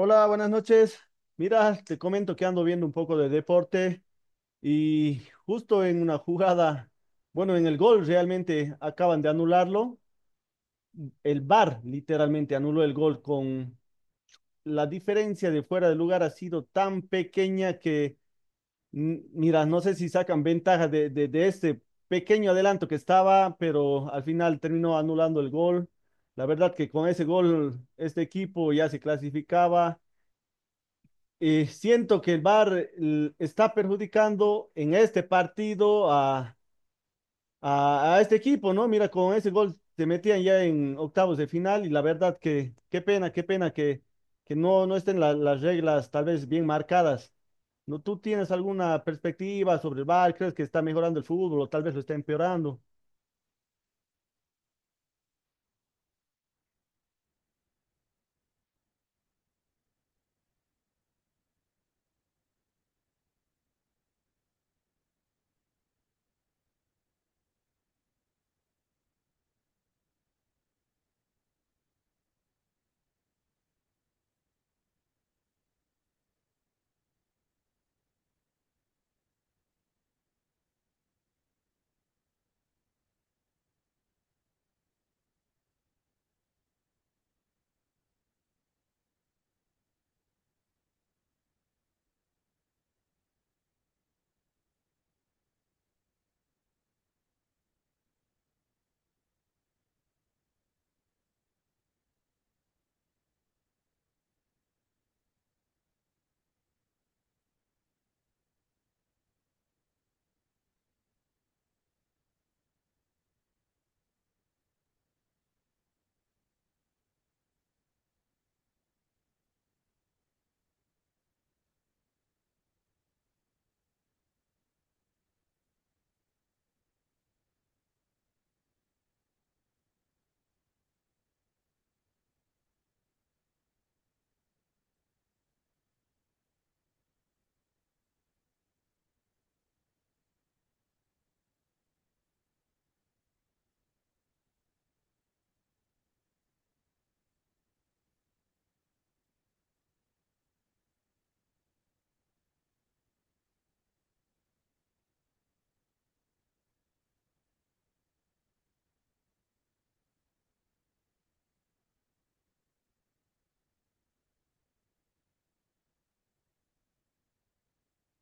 Hola, buenas noches. Mira, te comento que ando viendo un poco de deporte y justo en una jugada, bueno, en el gol realmente acaban de anularlo. El VAR literalmente anuló el gol con la diferencia de fuera de lugar ha sido tan pequeña que, mira, no sé si sacan ventaja de este pequeño adelanto que estaba, pero al final terminó anulando el gol. La verdad que con ese gol este equipo ya se clasificaba. Y siento que el VAR está perjudicando en este partido a, a este equipo, ¿no? Mira, con ese gol se metían ya en octavos de final y la verdad que qué pena que no estén las reglas tal vez bien marcadas. ¿No? ¿Tú tienes alguna perspectiva sobre el VAR? ¿Crees que está mejorando el fútbol o tal vez lo está empeorando?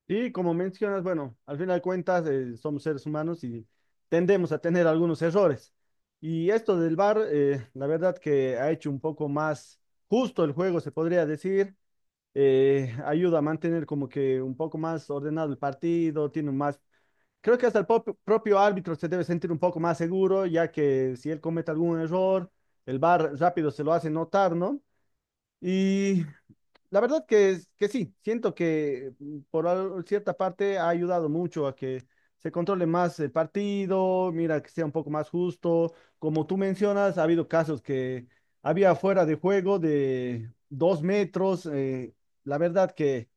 Y como mencionas, bueno, al final de cuentas somos seres humanos y tendemos a tener algunos errores. Y esto del VAR, la verdad que ha hecho un poco más justo el juego, se podría decir. Ayuda a mantener como que un poco más ordenado el partido, tiene un más... Creo que hasta el propio árbitro se debe sentir un poco más seguro, ya que si él comete algún error, el VAR rápido se lo hace notar, ¿no? Y la verdad que, que sí, siento que por cierta parte ha ayudado mucho a que se controle más el partido, mira, que sea un poco más justo. Como tú mencionas, ha habido casos que había fuera de juego de 2 metros. La verdad que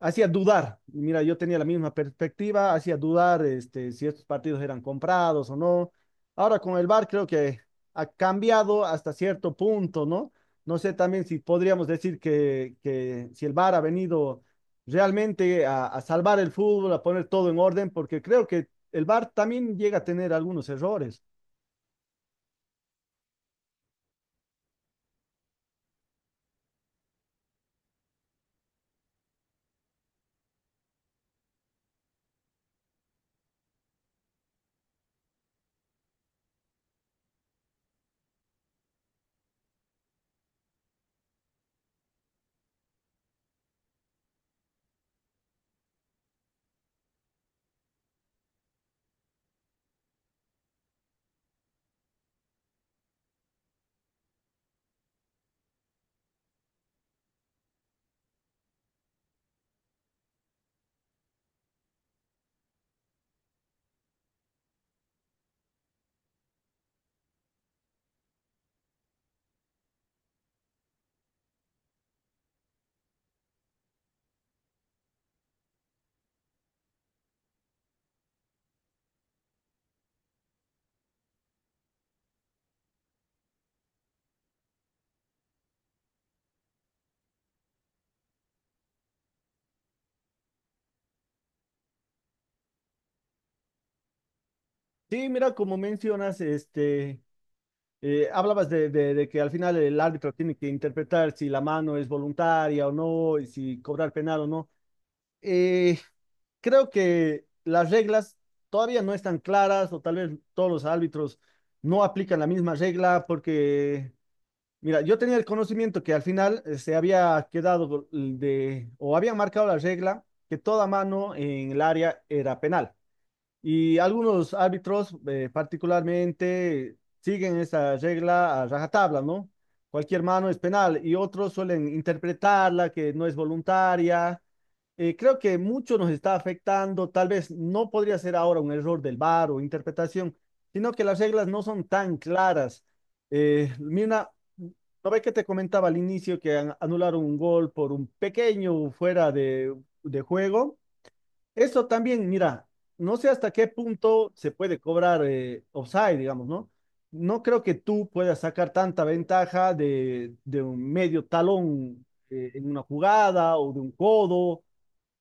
hacía dudar. Y mira, yo tenía la misma perspectiva, hacía dudar este, si estos partidos eran comprados o no. Ahora con el VAR creo que ha cambiado hasta cierto punto, ¿no? No sé también si podríamos decir que si el VAR ha venido realmente a salvar el fútbol, a poner todo en orden, porque creo que el VAR también llega a tener algunos errores. Sí, mira, como mencionas, este, hablabas de que al final el árbitro tiene que interpretar si la mano es voluntaria o no, y si cobrar penal o no. Eh, creo que las reglas todavía no están claras o tal vez todos los árbitros no aplican la misma regla porque, mira, yo tenía el conocimiento que al final se había quedado o habían marcado la regla que toda mano en el área era penal. Y algunos árbitros particularmente siguen esa regla a rajatabla, ¿no? Cualquier mano es penal y otros suelen interpretarla que no es voluntaria. Creo que mucho nos está afectando, tal vez no podría ser ahora un error del VAR o interpretación, sino que las reglas no son tan claras. Mira, ¿no ves que te comentaba al inicio que anularon un gol por un pequeño fuera de juego? Eso también, mira, no sé hasta qué punto se puede cobrar offside, digamos, ¿no? No creo que tú puedas sacar tanta ventaja de un medio talón en una jugada o de un codo.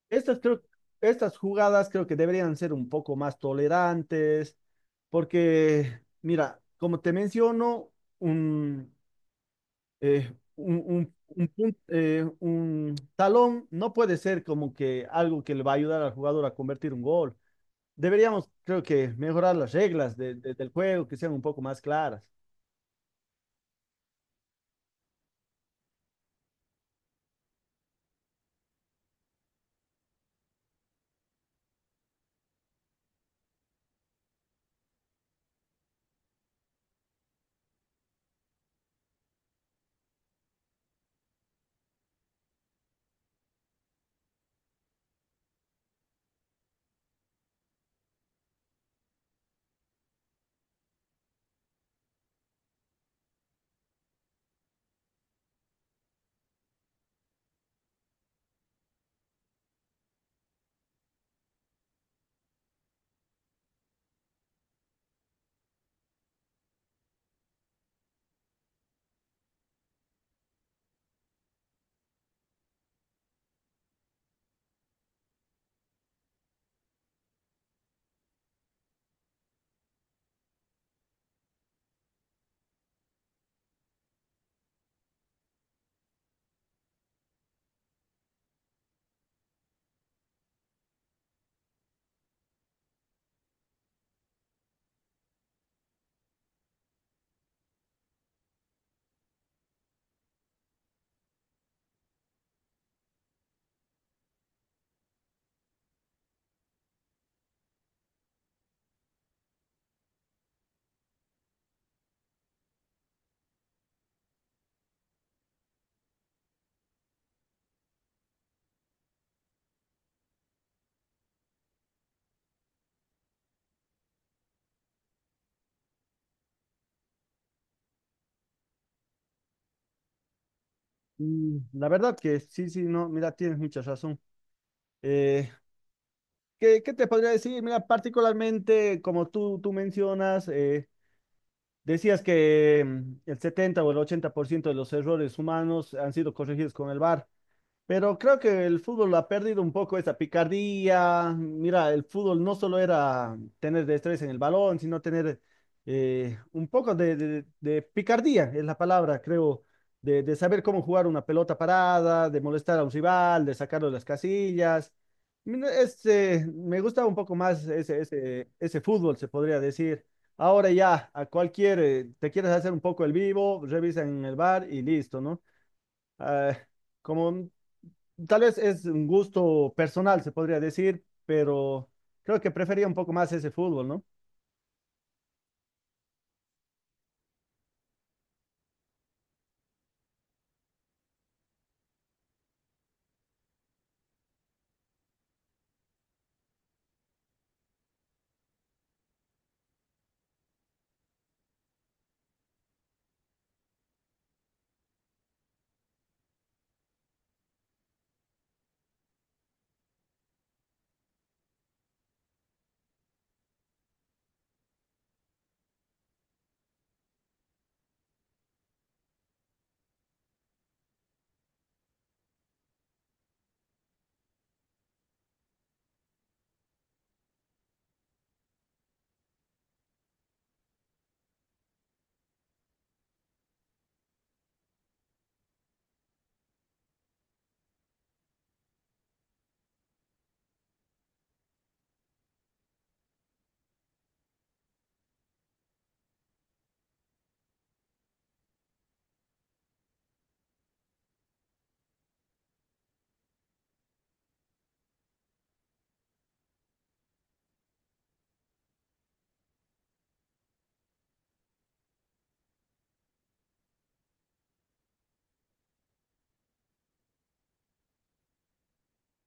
Estas, creo, estas jugadas creo que deberían ser un poco más tolerantes, porque, mira, como te menciono, un, un talón no puede ser como que algo que le va a ayudar al jugador a convertir un gol. Deberíamos, creo que, mejorar las reglas del juego, que sean un poco más claras. La verdad que sí, sí, no, mira, tienes mucha razón. Eh, ¿Qué, qué te podría decir? Mira, particularmente, como tú mencionas, decías que el 70 o el 80% de los errores humanos han sido corregidos con el VAR. Pero creo que el fútbol ha perdido un poco esa picardía. Mira, el fútbol no solo era tener destreza en el balón, sino tener un poco de, de picardía, es la palabra, creo, de saber cómo jugar una pelota parada, de molestar a un rival, de sacarlo de las casillas. Este, me gustaba un poco más ese fútbol, se podría decir. Ahora ya, a cualquier, te quieres hacer un poco el vivo, revisa en el bar y listo, ¿no? Ah, como Tal vez es un gusto personal, se podría decir, pero creo que prefería un poco más ese fútbol, ¿no?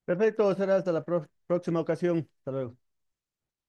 Perfecto, será hasta la próxima ocasión. Hasta luego.